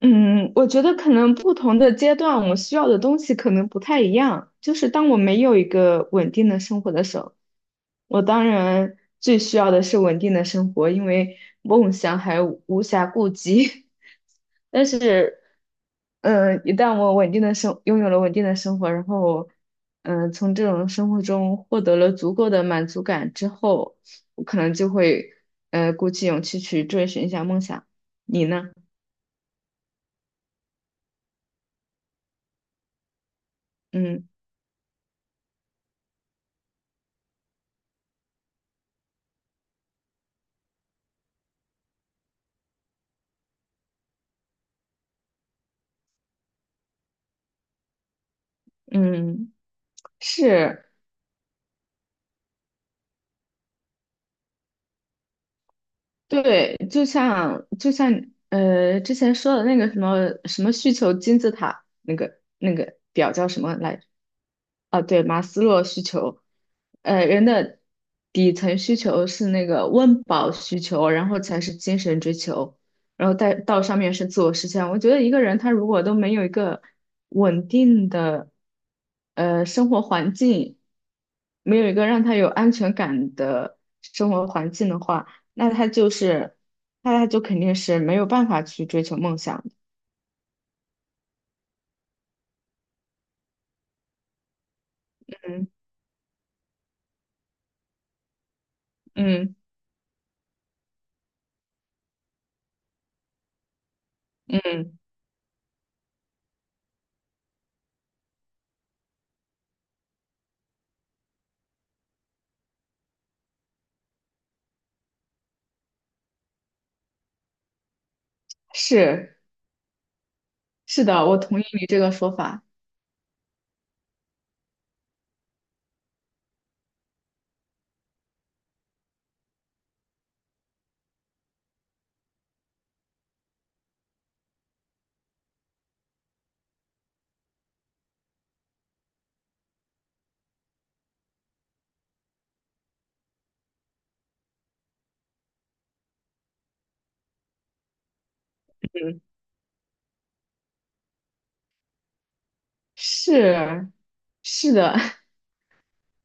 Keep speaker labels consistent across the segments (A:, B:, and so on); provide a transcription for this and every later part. A: 嗯，我觉得可能不同的阶段，我需要的东西可能不太一样。就是当我没有一个稳定的生活的时候，我当然最需要的是稳定的生活，因为梦想还无暇顾及。但是，一旦我稳定的生，拥有了稳定的生活，然后，从这种生活中获得了足够的满足感之后，我可能就会，鼓起勇气去追寻一下梦想。你呢？嗯。嗯，是，对，就像之前说的那个什么什么需求金字塔那个表叫什么来着？啊，对，马斯洛需求，呃，人的底层需求是那个温饱需求，然后才是精神追求，然后再到上面是自我实现。我觉得一个人他如果都没有一个稳定的生活环境，没有一个让他有安全感的生活环境的话，那他就是，那他就肯定是没有办法去追求梦想。嗯嗯嗯，是，是的，我同意你这个说法。嗯，是，是的，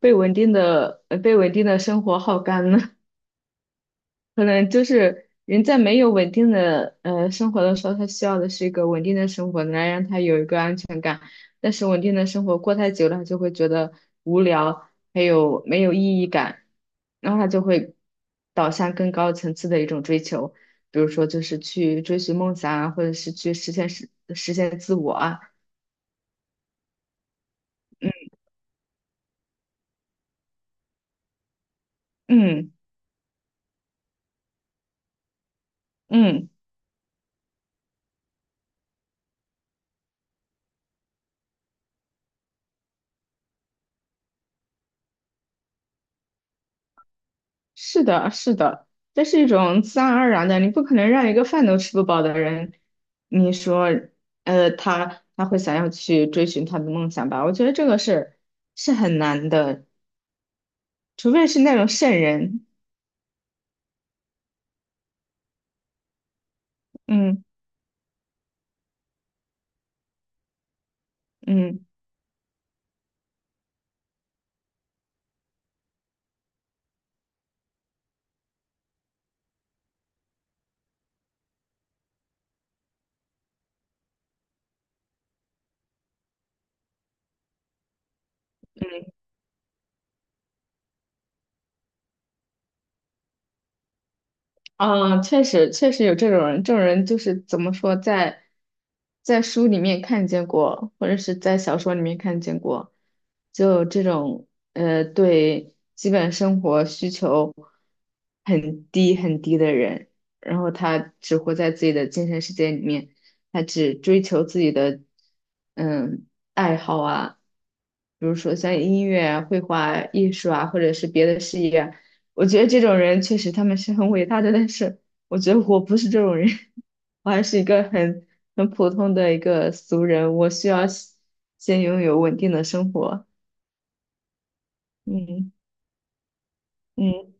A: 被稳定的生活耗干了。可能就是人在没有稳定的生活的时候，他需要的是一个稳定的生活，来让他有一个安全感。但是稳定的生活过太久了，他就会觉得无聊，还有没有意义感，然后他就会导向更高层次的一种追求，比如说就是去追寻梦想啊，或者是去实现自我啊，嗯嗯。嗯，是的，是的，这是一种自然而然的，你不可能让一个饭都吃不饱的人，你说，呃，他会想要去追寻他的梦想吧？我觉得这个是是很难的，除非是那种圣人。嗯嗯。嗯，确实，确实有这种人，这种人就是怎么说，在书里面看见过，或者是在小说里面看见过，就这种呃，对基本生活需求很低很低的人，然后他只活在自己的精神世界里面，他只追求自己的嗯爱好啊，比如说像音乐啊、绘画啊艺术啊，或者是别的事业啊我觉得这种人确实他们是很伟大的，但是我觉得我不是这种人，我还是一个很普通的一个俗人，我需要先拥有稳定的生活。嗯嗯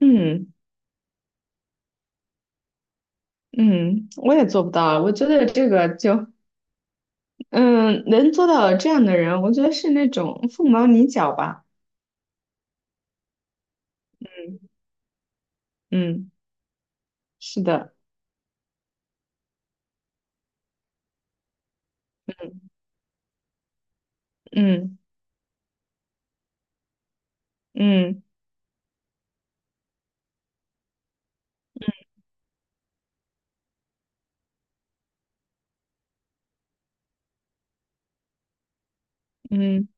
A: 嗯嗯，我也做不到啊，我觉得这个就嗯，能做到这样的人，我觉得是那种凤毛麟角吧。嗯，是的，嗯嗯嗯嗯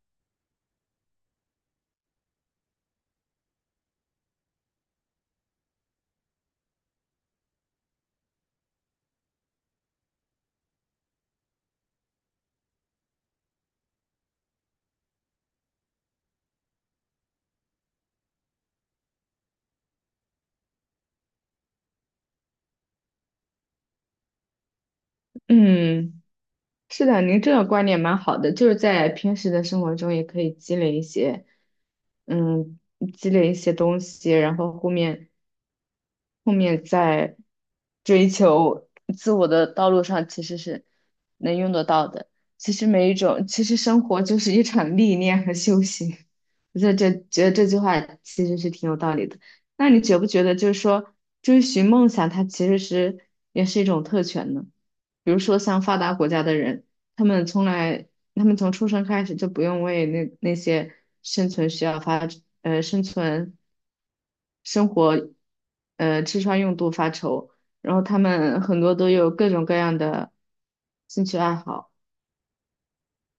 A: 嗯。是的，您这个观点蛮好的，就是在平时的生活中也可以积累一些，嗯，积累一些东西，然后后面后面在追求自我的道路上，其实是能用得到的。其实每一种，其实生活就是一场历练和修行。我觉得这句话其实是挺有道理的。那你觉不觉得，就是说追寻梦想，它其实是也是一种特权呢？比如说像发达国家的人，他们从来他们从出生开始就不用为那些生存需要发，生存、生活，吃穿用度发愁。然后他们很多都有各种各样的兴趣爱好，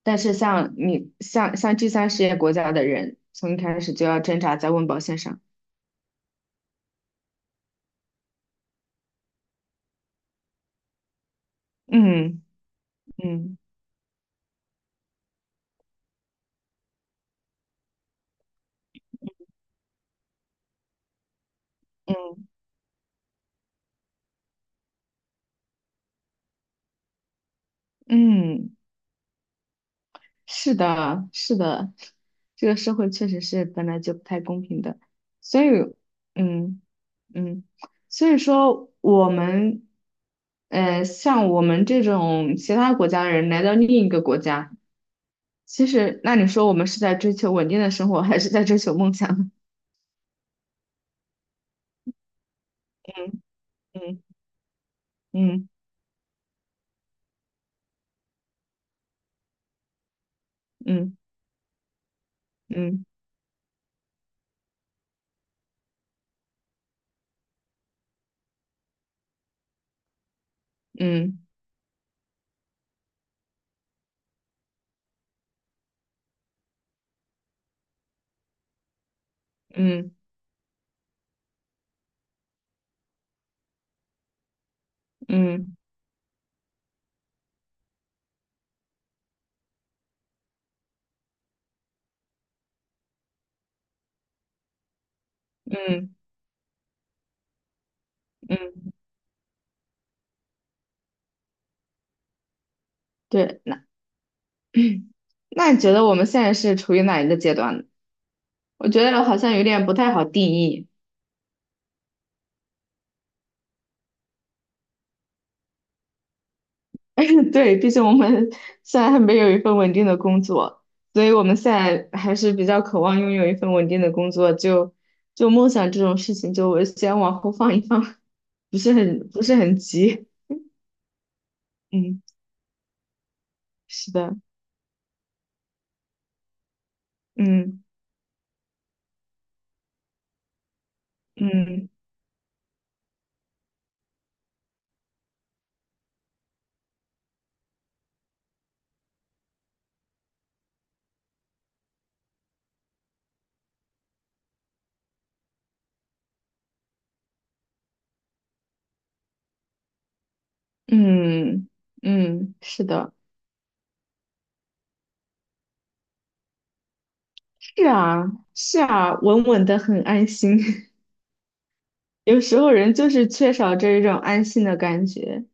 A: 但是像你像像第三世界国家的人，从一开始就要挣扎在温饱线上。嗯嗯嗯嗯。是的，是的，这个社会确实是本来就不太公平的，所以，嗯嗯，所以说我们，呃，像我们这种其他国家的人来到另一个国家，其实那你说我们是在追求稳定的生活，还是在追求梦想呢？嗯嗯嗯嗯嗯嗯嗯嗯嗯，对，那 那你觉得我们现在是处于哪一个阶段呢？我觉得好像有点不太好定义。对，毕竟我们现在还没有一份稳定的工作，所以我们现在还是比较渴望拥有一份稳定的工作。就梦想这种事情，就我先往后放一放，不是很急。嗯，是的，嗯嗯嗯嗯，是的，是啊是啊，稳稳的很安心。有时候人就是缺少这一种安心的感觉。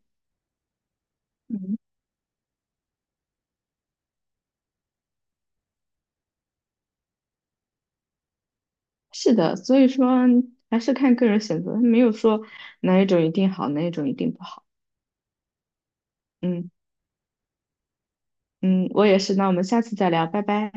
A: 嗯。是的，所以说还是看个人选择，没有说哪一种一定好，哪一种一定不好。嗯嗯，我也是，那我们下次再聊，拜拜。